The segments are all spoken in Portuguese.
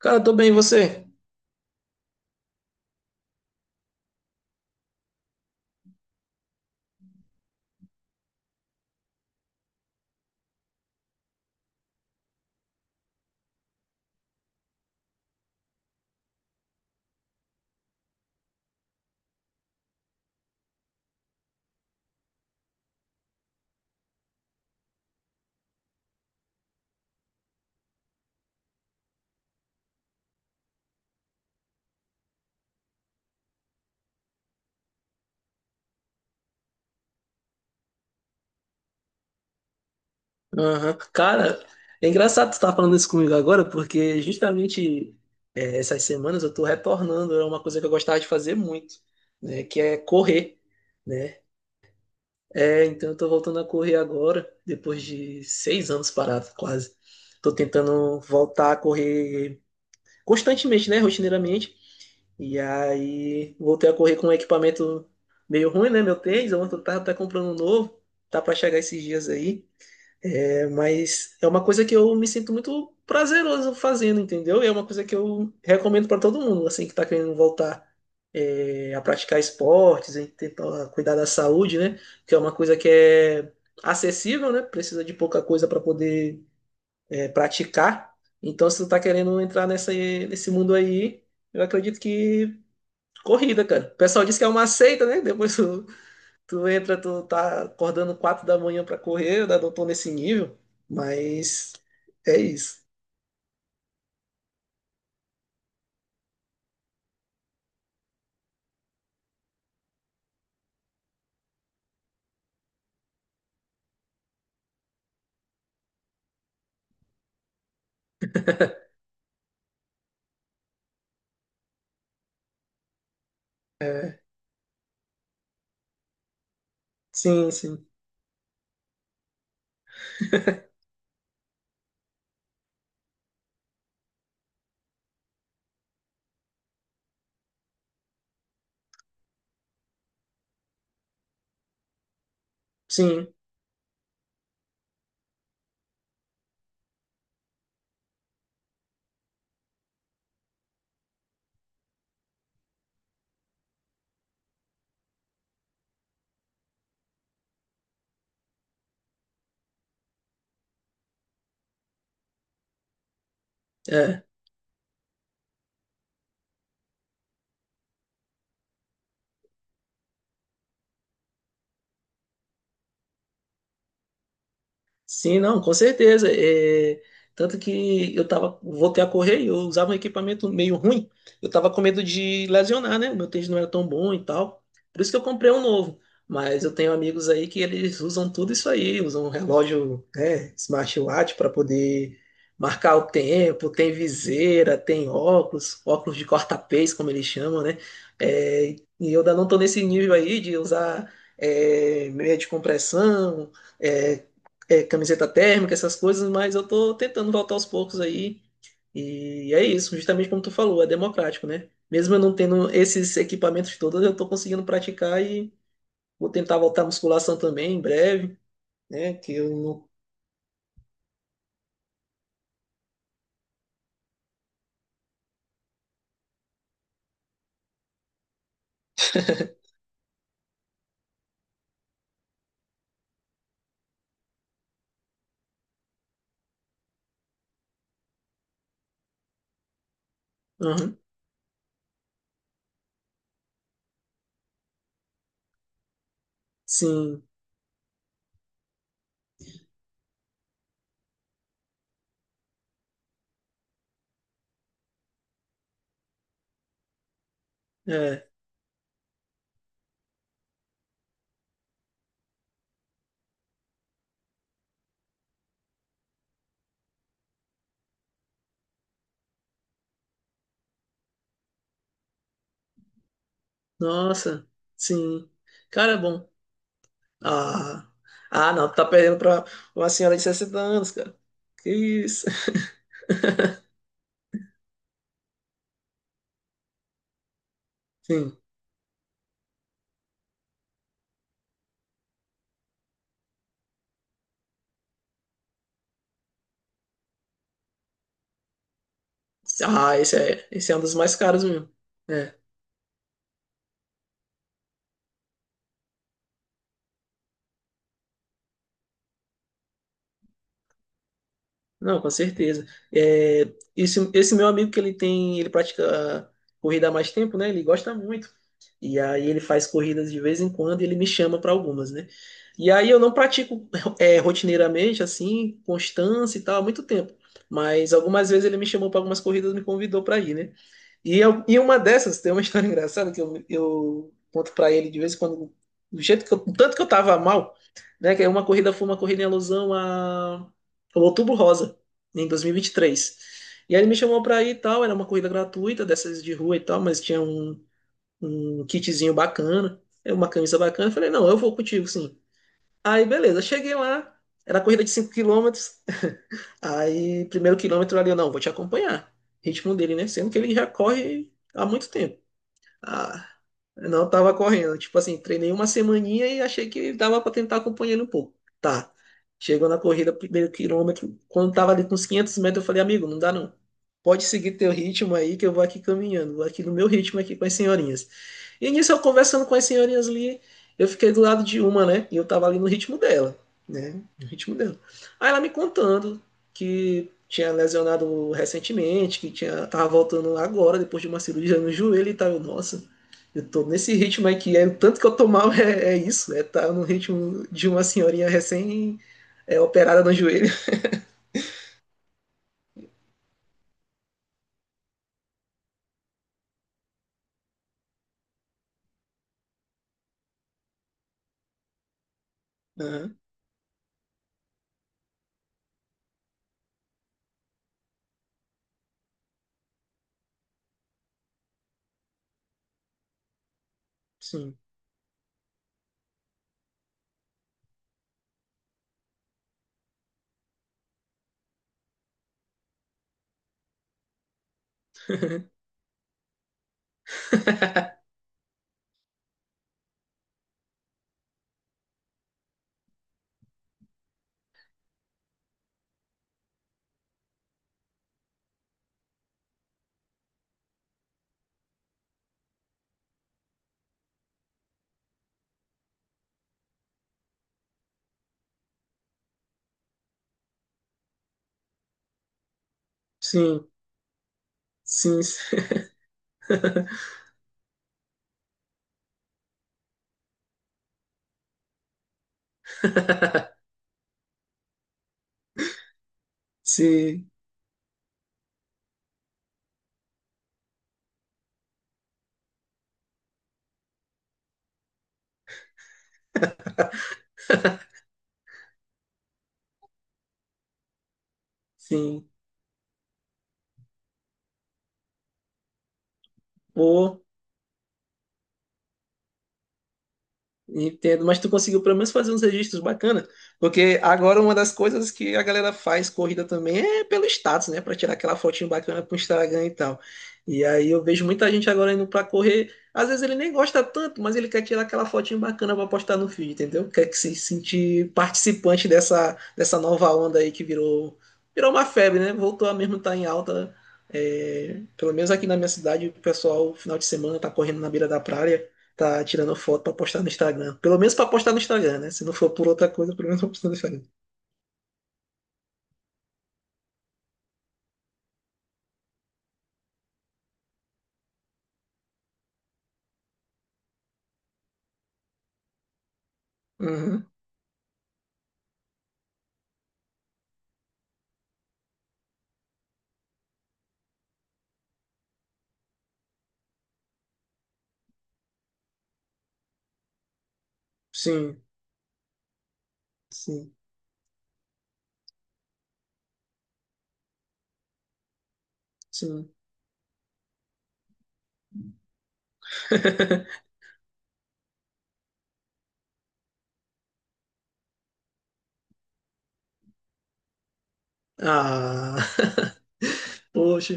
Cara, tô bem, e você? Aham. Cara, é engraçado tu estar falando isso comigo agora, porque justamente essas semanas eu tô retornando a uma coisa que eu gostava de fazer muito, né? Que é correr, né? É, então eu tô voltando a correr agora, depois de 6 anos parado, quase. Tô tentando voltar a correr constantemente, né? Rotineiramente. E aí voltei a correr com um equipamento meio ruim, né? Meu tênis, eu tava até comprando um novo, tá pra chegar esses dias aí. Mas é uma coisa que eu me sinto muito prazeroso fazendo, entendeu? E é uma coisa que eu recomendo para todo mundo, assim, que tá querendo voltar a praticar esportes, em tentar cuidar da saúde, né? Que é uma coisa que é acessível, né? Precisa de pouca coisa para poder praticar. Então, se tu tá querendo entrar nesse mundo aí, eu acredito que corrida, cara. O pessoal diz que é uma seita, né? Depois tu tu entra, tu tá acordando 4 da manhã pra correr, eu ainda não tô nesse nível, mas é isso. É. Sim, sim, sim. É. Sim, não, com certeza. É, tanto que voltei a correr e eu usava um equipamento meio ruim. Eu tava com medo de lesionar, né? O meu tênis não era tão bom e tal. Por isso que eu comprei um novo. Mas eu tenho amigos aí que eles usam tudo isso aí, usam um relógio, né, smartwatch para poder marcar o tempo, tem viseira, tem óculos, óculos de corta-pês, como eles chamam, né? É, e eu ainda não tô nesse nível aí de usar meia de compressão, é, camiseta térmica, essas coisas, mas eu tô tentando voltar aos poucos aí. E é isso, justamente como tu falou, é democrático, né? Mesmo eu não tendo esses equipamentos todos, eu tô conseguindo praticar e vou tentar voltar à musculação também em breve, né? Que eu não. Aham. Sim, é. Nossa, sim. Cara, é bom. Ah, ah, não, tu tá perdendo pra uma senhora de 60 anos, cara. Que isso? Sim. Ah, esse é um dos mais caros mesmo. É. Não, com certeza. É, esse meu amigo que ele tem, ele pratica corrida há mais tempo, né? Ele gosta muito. E aí ele faz corridas de vez em quando e ele me chama para algumas, né? E aí eu não pratico rotineiramente, assim, constância e tal, há muito tempo. Mas algumas vezes ele me chamou para algumas corridas, me convidou para ir, né? E uma dessas, tem uma história engraçada que eu conto pra ele de vez em quando, do tanto que eu tava mal, né? Que é uma corrida foi uma corrida em alusão ao Outubro Rosa, em 2023. E vinte e três. E aí ele me chamou pra ir e tal, era uma corrida gratuita, dessas de rua e tal, mas tinha um kitzinho bacana, uma camisa bacana. Eu falei, não, eu vou contigo, sim. Aí beleza, cheguei lá, era corrida de 5 quilômetros, aí primeiro quilômetro ali, eu não, vou te acompanhar. Ritmo dele, né? Sendo que ele já corre há muito tempo. Ah, eu não tava correndo. Tipo assim, treinei uma semaninha e achei que dava pra tentar acompanhar ele um pouco. Tá. Chegou na corrida, primeiro quilômetro, quando tava ali com uns 500 metros, eu falei, amigo, não dá não. Pode seguir teu ritmo aí que eu vou aqui caminhando, vou aqui no meu ritmo aqui com as senhorinhas. E nisso eu conversando com as senhorinhas ali, eu fiquei do lado de uma, né? E eu tava ali no ritmo dela, né? No ritmo dela. Aí ela me contando que tinha lesionado recentemente, que tinha, tava voltando agora, depois de uma cirurgia no joelho e tal. Eu, nossa, eu tô nesse ritmo aqui, é, o tanto que eu tô mal é, é isso, é tá no ritmo de uma senhorinha recém operada no joelho. Aham, sim. Sim, sim. Sim, sim. Pô, entendo, mas tu conseguiu pelo menos fazer uns registros bacanas, porque agora uma das coisas que a galera faz corrida também é pelo status, né? Pra tirar aquela fotinho bacana pro Instagram e tal. E aí eu vejo muita gente agora indo pra correr, às vezes ele nem gosta tanto, mas ele quer tirar aquela fotinho bacana pra postar no feed, entendeu? Quer que se sentir participante dessa nova onda aí que virou uma febre, né? Voltou a mesmo estar em alta. É, pelo menos aqui na minha cidade, o pessoal, final de semana, tá correndo na beira da praia, tá tirando foto pra postar no Instagram. Pelo menos pra postar no Instagram, né? Se não for por outra coisa, pelo menos pra postar no Instagram. Uhum. Sim, sim, sim. Ah, poxa,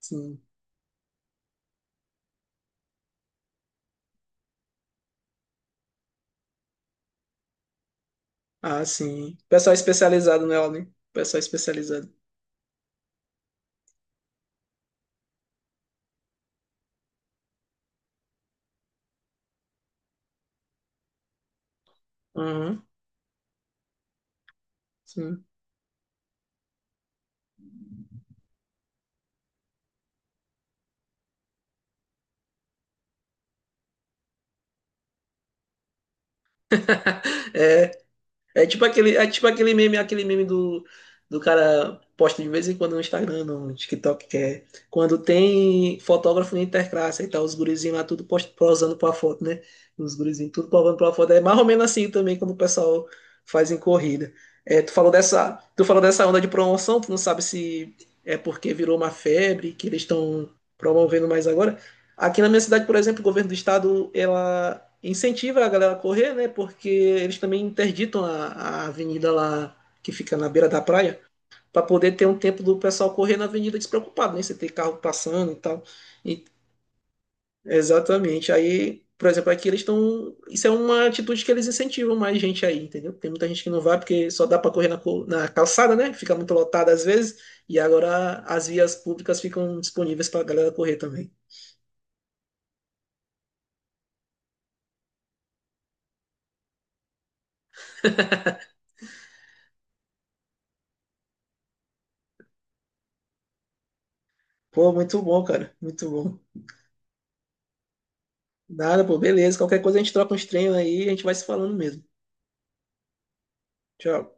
sim. Ah, sim. Pessoal especializado nela, né? Pessoal especializado. Uhum, sim. É, É tipo aquele, meme, aquele meme do cara posta de vez em quando no Instagram, no TikTok, que é quando tem fotógrafo na Interclasse e tal, os gurizinhos lá tudo posando pra foto, né? Os gurizinhos tudo posando pra foto. É mais ou menos assim também como o pessoal faz em corrida. É, tu falou dessa onda de promoção, tu não sabe se é porque virou uma febre que eles estão promovendo mais agora. Aqui na minha cidade, por exemplo, o governo do estado, ela incentiva a galera a correr, né? Porque eles também interditam a avenida lá que fica na beira da praia para poder ter um tempo do pessoal correr na avenida despreocupado, né? Você tem carro passando e tal. E- exatamente. Aí, por exemplo, aqui eles estão. Isso é uma atitude que eles incentivam mais gente aí, entendeu? Tem muita gente que não vai porque só dá para correr na, na calçada, né? Fica muito lotada às vezes. E agora as vias públicas ficam disponíveis para a galera correr também. Pô, muito bom, cara. Muito bom. Nada, pô, beleza. Qualquer coisa a gente troca uns treinos aí e a gente vai se falando mesmo. Tchau.